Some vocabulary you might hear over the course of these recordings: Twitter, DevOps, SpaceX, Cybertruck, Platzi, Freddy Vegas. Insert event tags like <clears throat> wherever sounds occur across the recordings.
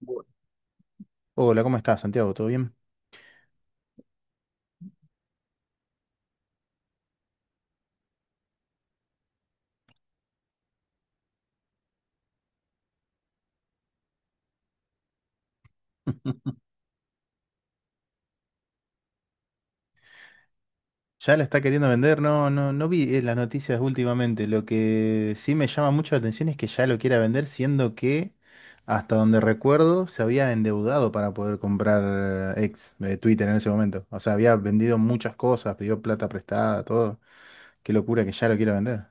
Bu- Hola, ¿cómo estás, Santiago? ¿Todo bien? <laughs> Ya la está queriendo vender, no vi las noticias últimamente. Lo que sí me llama mucho la atención es que ya lo quiera vender, siendo que hasta donde recuerdo, se había endeudado para poder comprar ex Twitter en ese momento. O sea, había vendido muchas cosas, pidió plata prestada, todo. Qué locura que ya lo quiera vender.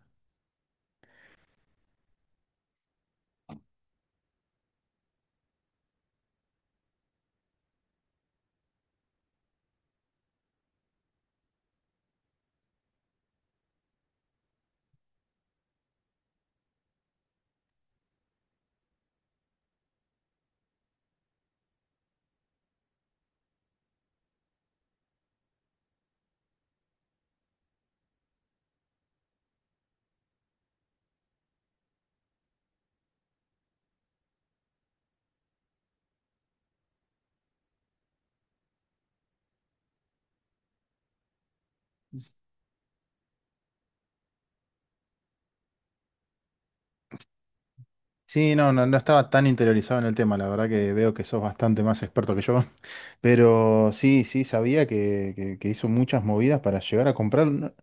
Sí, no, no, no estaba tan interiorizado en el tema, la verdad que veo que sos bastante más experto que yo, <laughs> pero sí, sí, sabía que hizo muchas movidas para llegar a comprar. No,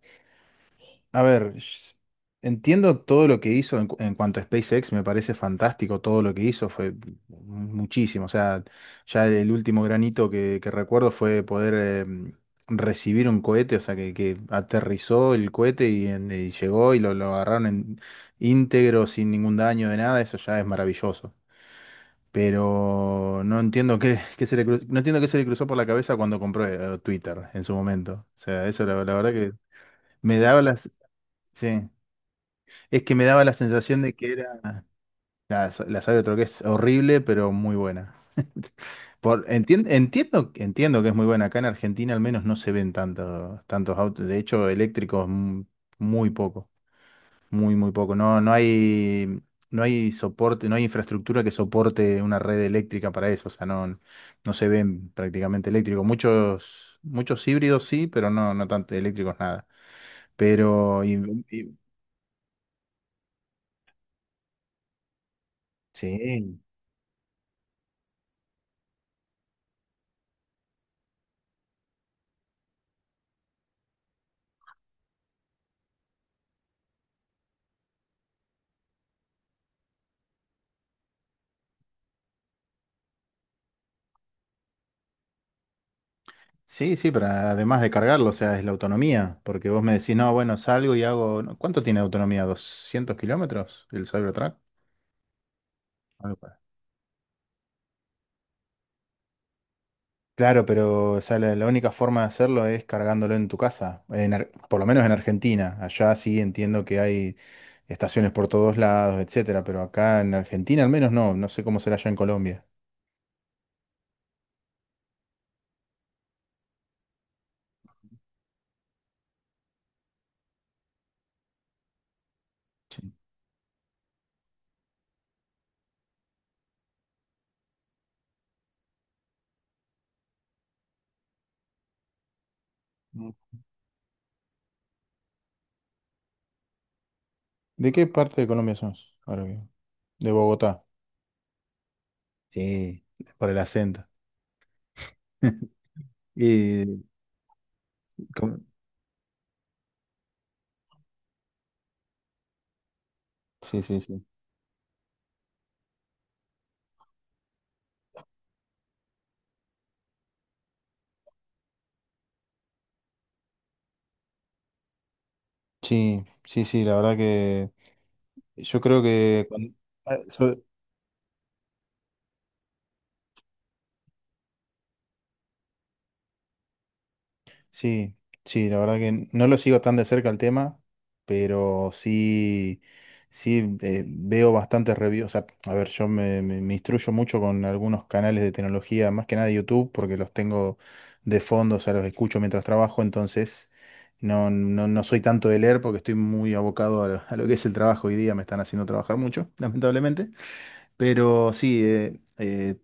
a ver, entiendo todo lo que hizo en, en cuanto a SpaceX, me parece fantástico todo lo que hizo, fue muchísimo. O sea, ya el último granito que recuerdo fue poder eh, recibir un cohete, o sea, que aterrizó el cohete y, y llegó y lo agarraron íntegro, sin ningún daño de nada, eso ya es maravilloso. Pero no entiendo qué se le cru- no entiendo qué se le cruzó por la cabeza cuando compró Twitter en su momento. O sea, eso la verdad que me daba las. Sí. Es que me daba la sensación de que era la Sabre de otro que es horrible, pero muy buena. <laughs> Por, entiendo, entiendo que es muy buena. Acá en Argentina al menos no se ven tantos autos. De hecho, eléctricos muy poco. Muy, muy poco. No hay soporte, no hay infraestructura que soporte una red eléctrica para eso. O sea, no, no se ven prácticamente eléctricos. Muchos, muchos híbridos sí, pero no, no tanto eléctricos nada. Pero y- sí. Sí, sí, pero además de cargarlo, o sea, es la autonomía, porque vos me decís, no, bueno, salgo y hago, no, ¿cuánto tiene autonomía? ¿200 kilómetros el Cybertruck? Algo por ahí. Claro, pero o sea, la única forma de hacerlo es cargándolo en tu casa, en por lo menos en Argentina. Allá sí entiendo que hay estaciones por todos lados, etcétera, pero acá en Argentina al menos no, no sé cómo será allá en Colombia. Mm. ¿De qué parte de Colombia sos? Ahora bien. De Bogotá. Sí, por el acento. <laughs> Y, com- sí, sí, sí. Sí, sí, sí, la verdad que yo creo que cuan-, ah, so- sí, sí, la verdad que no lo sigo tan de cerca el tema, pero sí, sí veo bastantes reviews. O sea, a ver, me instruyo mucho con algunos canales de tecnología, más que nada de YouTube, porque los tengo de fondo, o sea, los escucho mientras trabajo, entonces no, no, no soy tanto de leer porque estoy muy abocado a lo que es el trabajo hoy día, me están haciendo trabajar mucho, <laughs> lamentablemente. Pero sí,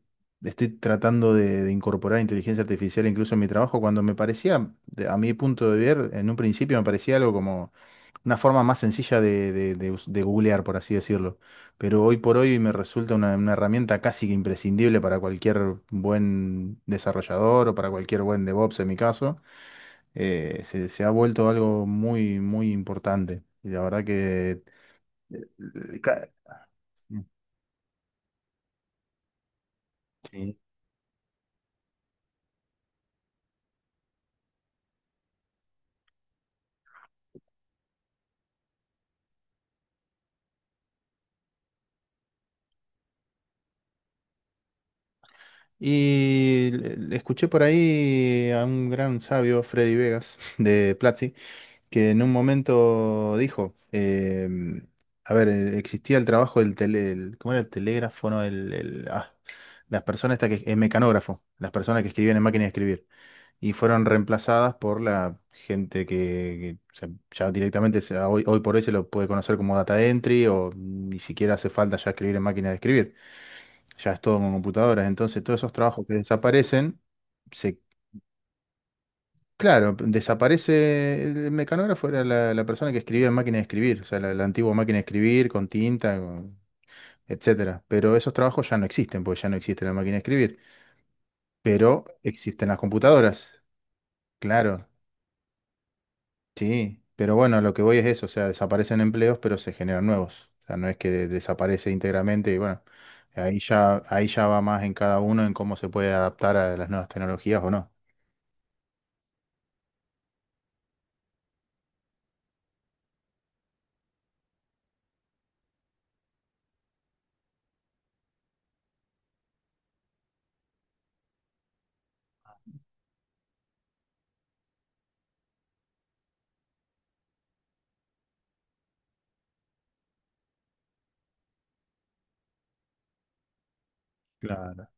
estoy tratando de incorporar inteligencia artificial incluso en mi trabajo, cuando me parecía, a mi punto de ver, en un principio me parecía algo como una forma más sencilla de googlear, por así decirlo. Pero hoy por hoy me resulta una herramienta casi que imprescindible para cualquier buen desarrollador o para cualquier buen DevOps en mi caso. Se ha vuelto algo muy, muy importante. Y la verdad que eh, eh, ca- sí. Y le escuché por ahí a un gran sabio, Freddy Vegas, <laughs> de Platzi, que en un momento dijo, a ver, existía el trabajo ¿cómo era el telégrafo? No, las personas estas que, el mecanógrafo, las personas que escribían en máquina de escribir, y fueron reemplazadas por la gente o sea, ya directamente hoy, hoy por hoy se lo puede conocer como data entry o ni siquiera hace falta ya escribir en máquina de escribir, ya es todo con computadoras, entonces todos esos trabajos que desaparecen, se, claro, desaparece el mecanógrafo, era la persona que escribía en máquina de escribir, o sea, la antigua máquina de escribir con tinta, con- etcétera. Pero esos trabajos ya no existen, porque ya no existe la máquina de escribir, pero existen las computadoras, claro, sí. Pero bueno, lo que voy es eso, o sea, desaparecen empleos, pero se generan nuevos. O sea, no es que desaparece íntegramente y bueno, ahí ya va más en cada uno en cómo se puede adaptar a las nuevas tecnologías o no. Claro.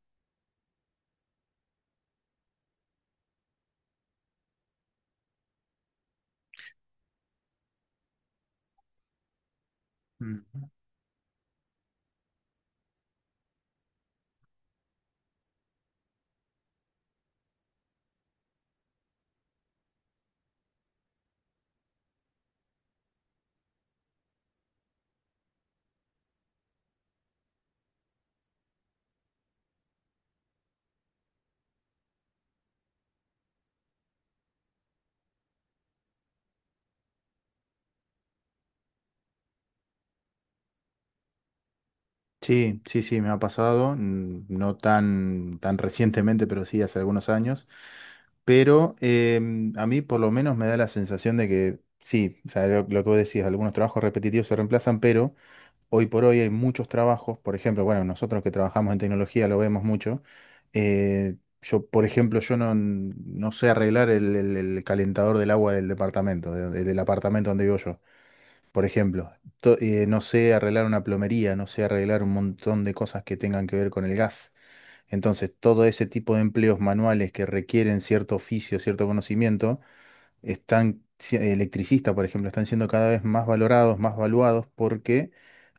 Mm. Sí, sí, sí, me ha pasado, mm, no tan, tan recientemente, pero sí hace algunos años. Pero a mí por lo menos me da la sensación de que sí, o sea, lo que vos decís, algunos trabajos repetitivos se reemplazan, pero hoy por hoy hay muchos trabajos, por ejemplo, bueno, nosotros que trabajamos en tecnología lo vemos mucho. Eh, yo, por ejemplo, yo no, no sé arreglar el calentador del agua del departamento, del apartamento donde vivo yo. Por ejemplo, no sé arreglar una plomería, no sé arreglar un montón de cosas que tengan que ver con el gas. Entonces, todo ese tipo de empleos manuales que requieren cierto oficio, cierto conocimiento, están, electricistas, por ejemplo, están siendo cada vez más valorados, más valuados, porque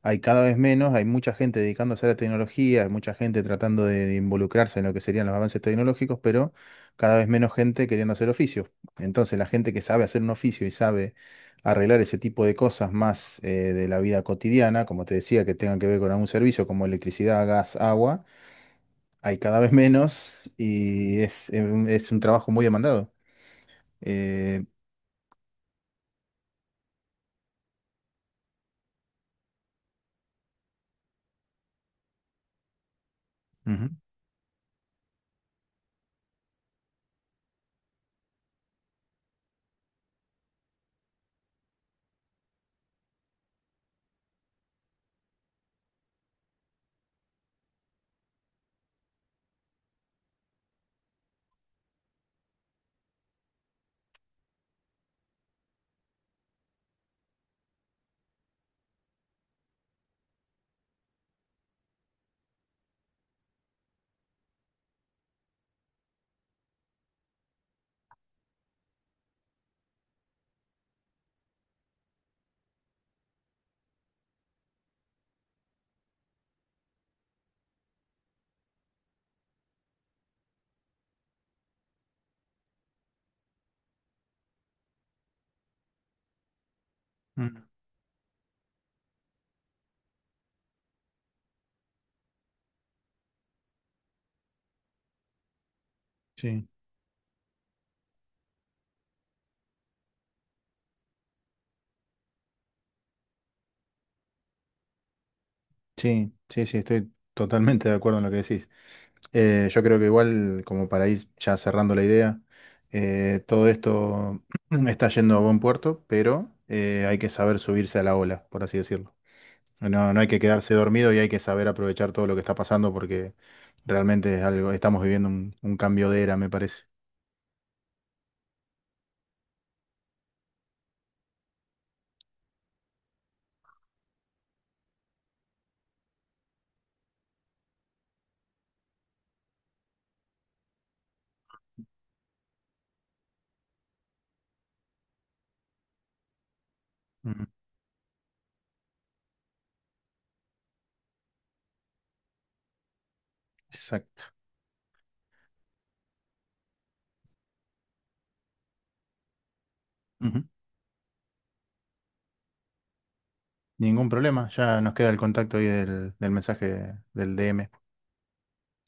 hay cada vez menos, hay mucha gente dedicándose a la tecnología, hay mucha gente tratando de involucrarse en lo que serían los avances tecnológicos, pero cada vez menos gente queriendo hacer oficios. Entonces, la gente que sabe hacer un oficio y sabe arreglar ese tipo de cosas más de la vida cotidiana, como te decía, que tengan que ver con algún servicio como electricidad, gas, agua, hay cada vez menos y es un trabajo muy demandado. Eh, ujú, ujú. Sí, sí, sí, sí, estoy totalmente de acuerdo en lo que decís. Yo creo que igual, como para ir ya cerrando la idea, todo esto <clears throat> está yendo a buen puerto, pero hay que saber subirse a la ola, por así decirlo. No, no hay que quedarse dormido y hay que saber aprovechar todo lo que está pasando porque realmente es algo, estamos viviendo un cambio de era, me parece. Ujú. Exacto. Ujú. Ningún problema, ya nos queda el contacto ahí del mensaje del DM.